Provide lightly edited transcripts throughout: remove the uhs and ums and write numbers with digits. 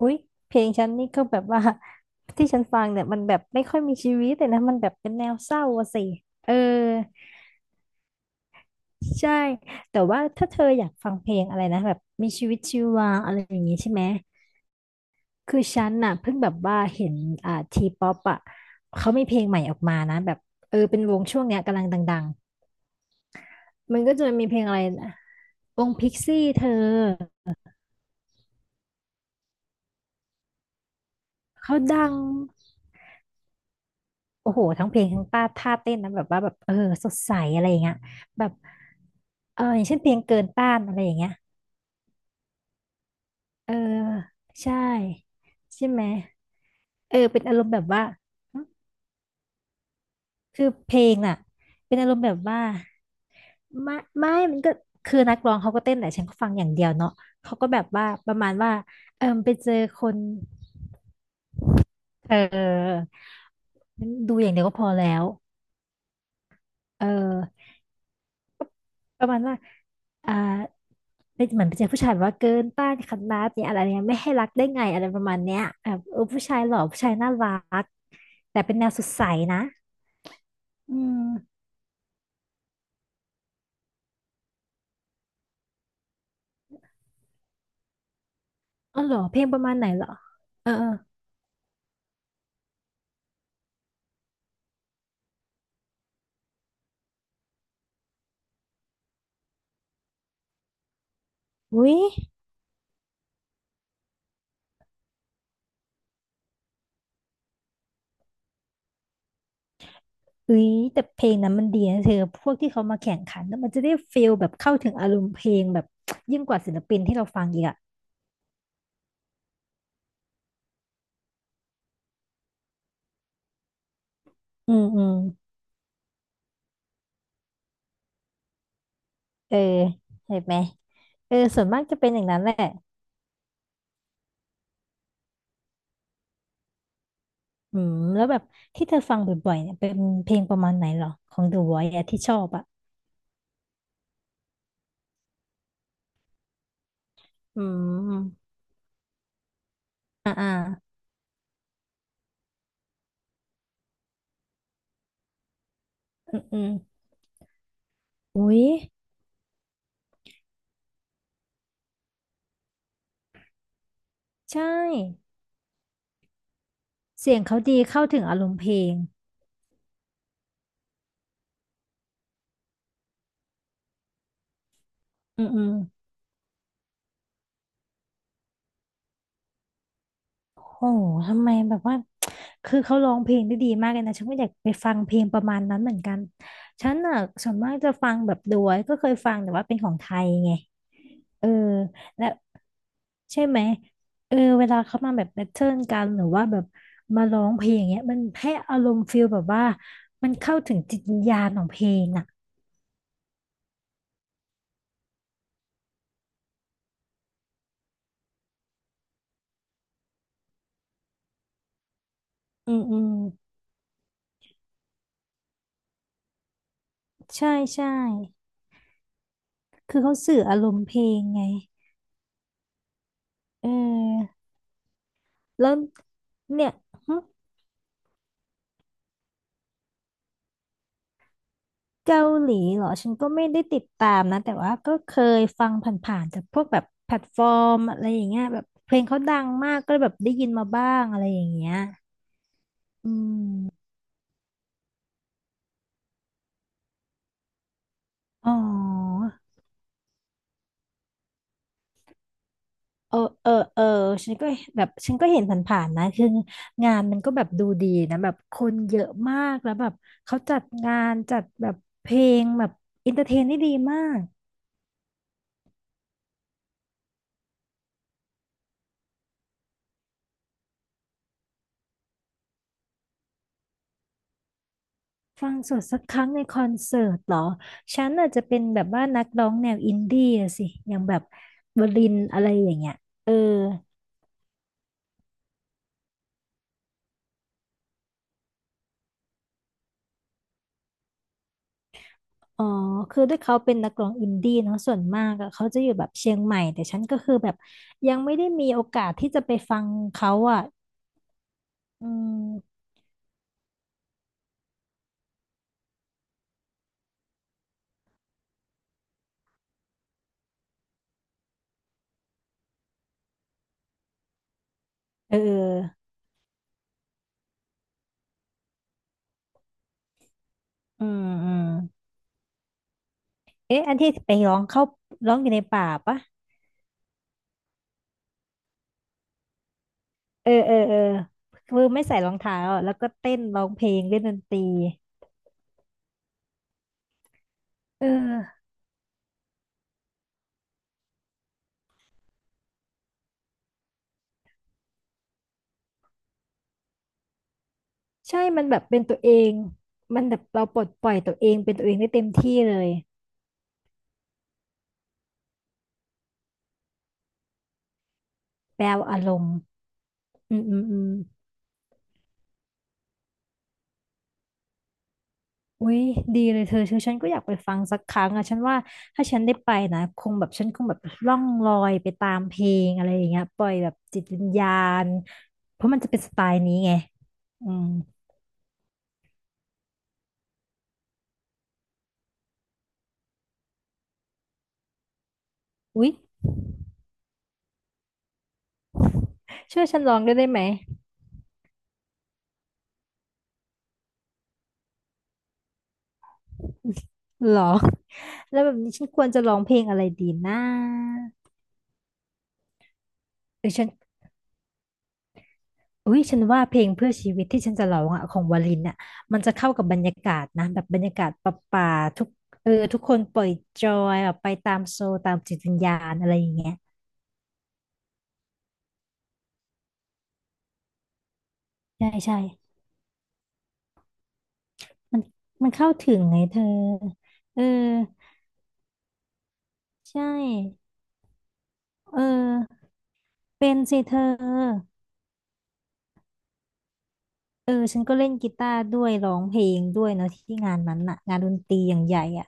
อุ๊ยเพลงฉันนี่ก็แบบว่า ที่ฉันฟังเนี่ยมันแบบไม่ค่อยมีชีวิตเลยนะมันแบบเป็นแนวเศร้าอะสิเออใช่แต่ว่าถ้าเธออยากฟังเพลงอะไรนะแบบมีชีวิตชีวาอะไรอย่างงี้ใช่ไหมคือฉันน่ะเพิ่งแบบว่าเห็นทีป๊อปอะเขามีเพลงใหม่ออกมานะแบบเออเป็นวงช่วงเนี้ยกำลังดังๆมันก็จะมีเพลงอะไรนะวงพิกซี่เธอเขาดัง โอ้โหทั้งเพลงทั้งป้าท่าเต้นนะแบบว่าแบบเออสดใสอะไรอย่างเงี้ยแบบเอออย่างเช่นเพลงเกินต้านอะไรอย่างเงี้ยเออใช่ใช่ไหมเออเป็นอารมณ์แบบว่าหึคือเพลงน่ะเป็นอารมณ์แบบว่าไม่ไม่มันก็คือนักร้องเขาก็เต้นแหละฉันก็ฟังอย่างเดียวเนาะเขาก็แบบว่าประมาณว่าเออไปเจอคนเออดูอย่างเดียวก็พอแล้วเออ ประมาณว่าอ่าเป็นเหมือนเป็นผู้ชายแบบว่าเกินต้านคณะเนี่ยอะไรเนี่ยไม่ให้รักได้ไงอะไรประมาณเนี้ยแบบเออผู้ชายหล่อผู้ชายน่ารักแต่เป็นแนวสดใสนะอืมอ๋อเหรอเพลงประมาณไหนเหรอเออเอออุ้ยอุ้ยแต่เพลงนั้นมันดีนะเธอพวกที่เขามาแข่งขันแล้วมันจะได้ฟีลแบบเข้าถึงอารมณ์เพลงแบบ ยิ่งกว่าศิลปินที่เราฟังอีกอ่ะอืมอืมเออเห็นไหมเออส่วนมากจะเป็นอย่างนั้นแหละ อืมแล้วแบบที่เธอฟังบ่อยๆเนี่ยเป็นเพลงประมาณไหนเหรอของ The Voice อะที่ชอบอ่ะอืมอ่าอ่าอืมอืมอุ๊ยใช่เสียงเขาดีเข้าถึงอารมณ์เพลงอืมอืม โหทำไมแบบว่าคือเขาร้องเพลงได้ดีมากเลยนะฉันก็อยากไปฟังเพลงประมาณนั้นเหมือนกันฉันอ่ะส่วนมากจะฟังแบบด้วยก็เคยฟังแต่ว่าเป็นของไทยไงเออและใช่ไหมเออเวลาเขามาแบบแบทเทิลกันหรือว่าแบบมาร้องเพลงอย่างเงี้ยมันให้อารมณ์ฟิลแบบว่ามันเข้าถึงจิตวิญญาณของเพลงอ่ะอืมอืมใช่ใช่คือเขาสื่ออารมณ์เพลงไงเออแล้วเนี่ย เกาหลีเหรอฉันก็ไม่ได้ติดตามนะแต่ว่าก็เคยฟังผ่านๆจากพวกแบบแพลตฟอร์มอะไรอย่างเงี้ยแบบเพลงเขาดังมากก็เลยแบบได้ยินมาบ้างอะไรอย่างเงี้ยอืมอ๋อเออเออเออฉันก็แบบฉันก็เห็นผ่านๆนะคืองานมันก็แบบดูดีนะแบบคนเยอะมากแล้วแบบเขาจัดงานจัดแบบเพลงแบบอินเตอร์เทนได้ดีมาก ฟังสดสักครั้งในคอนเสิร์ตเหรอฉันอาจจะเป็นแบบว่านักร้องแนวอินดี้อะสิอย่างแบบวลินอะไรอย่างเงี้ยเอออ๋อคือด้วยเขาเป็นนักร้องอินดี้เนาะส่วนมากอะเขาจะอยู่แบบเชียงใหม่แต่ฉันก็คือแบบยังไม่ได้มีโอกาสที่จะไปฟังเขาอะอืมเอออืมอืมเอ๊ะอันที่ไปร้องเข้าร้องอยู่ในป่าปะเออเออเออคือไม่ใส่รองเท้าอะแล้วก็เต้นร้องเพลงเล่นดนตรีเออ ใช่มันแบบเป็นตัวเองมันแบบเราปลดปล่อยตัวเองเป็นตัวเองได้เต็มที่เลยแปลวอารมณ์อืมอืมอืมอุ้ยดีเลยเธอชือฉันก็อยากไปฟังสักครั้งอะฉันว่าถ้าฉันได้ไปนะคงแบบฉันคงแบบล่องลอยไปตามเพลงอะไรอย่างเงี้ยปล่อยแบบจิตวิญญาณเพราะมันจะเป็นสไตล์นี้ไงอืมอุ้ยช่วยฉันร้องด้วยได้ไหมหรอแล้วแบบนี้ฉันควรจะร้องเพลงอะไรดีนะหรือฉัน อุ้ยฉันว่าเพลงเพื่อชีวิตที่ฉันจะร้องอ่ะของวลินอ่ะมันจะเข้ากับบรรยากาศนะแบบบรรยากาศป่าๆทุกเออทุกคนปล่อยจอยแบบไปตามโซลตามจิตวิญญาณอะไรอย่างเงี้ยใช่ใช่มันมันเข้าถึงไงเธอเออใช่เออเป็นสิเธอเออฉันก็เล่นกีตาร์ด้วยร้องเพลงด้วยเนาะที่งานนั้นน่ะงานดนตรีอย่างใหญ่อ่ะ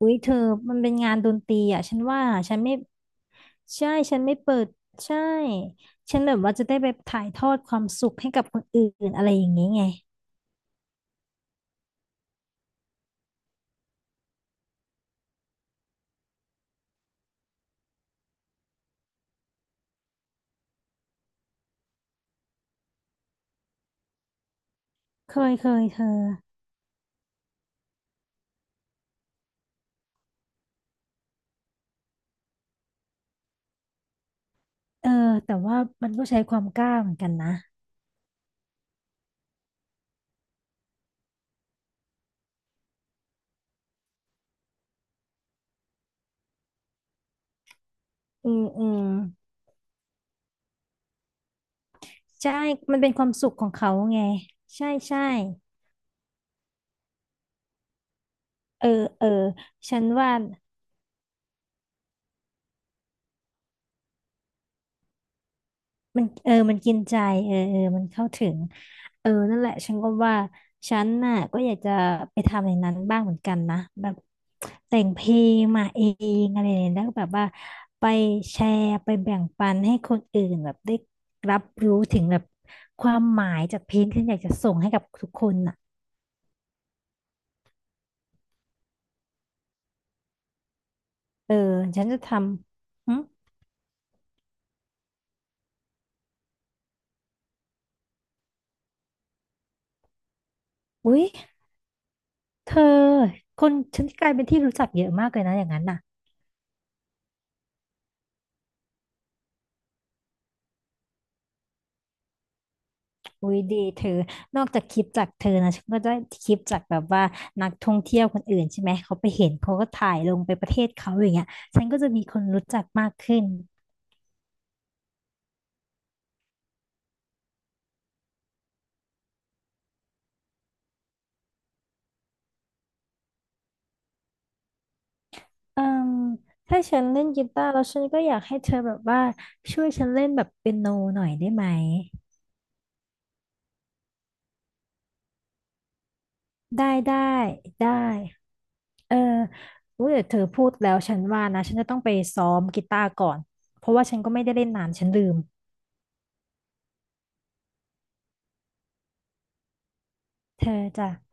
อุ๊ยเธอมันเป็นงานดนตรีอ่ะฉันว่าฉันไม่ใช่ฉันไม่เปิดใช่ฉันแบบว่าจะได้ไปถ่ายทอดความสุขให้กับคนอื่นอะไรอย่างนี้ไงเคยเคยเธอเออแต่ว่ามันก็ใช้ความกล้าเหมือนกันนะอืมอืมใช่มันเป็นความสุขของเขาไงใช่ใช่เออเออฉันว่า มันเออมันกินใจเออเออมันเข้าถึงเออนั่นแหละฉันก็ว่าฉันน่ะก็อยากจะไปทำอย่างนั้นบ้างเหมือนกันนะแบบแต่งเพลงมาเองอะไรอย่างเงี้ยแล้วก็แบบว่าไปแชร์ไปแบ่งปันให้คนอื่นแบบได้รับรู้ถึงแบบความหมายจากเพลงที่อยากจะส่งให้กับทุกคนน่ะเออฉันจะทำหึอุ๊ยเธอคนฉันกลายเป็นที่รู้จักเยอะมากเลยนะอย่างนั้นน่ะ อุ้ยดีเธอนอกจากคลิปจากเธอนะฉันก็ได้คลิปจากแบบว่านักท่องเที่ยวคนอื่นใช่ไหมเขาไปเห็นเขาก็ถ่ายลงไปประเทศเขาอย่างเงี้ยฉันก็จะมีคนรู้จักมากขึ้นเอ่มถ้าฉันเล่นกีตาร์แล้วฉันก็อยากให้เธอแบบว่าช่วยฉันเล่นแบบเปียโนหน่อยได้ไหมได้ได้เอออุ้ยเดี๋ยวเธอพูดแล้วฉันว่านะฉันจะต้องไปซ้อมกีตาร์ก่อนเพราะว่าฉันก็ไม่ได้เล่นนานฉันลืมเธอจ้ะ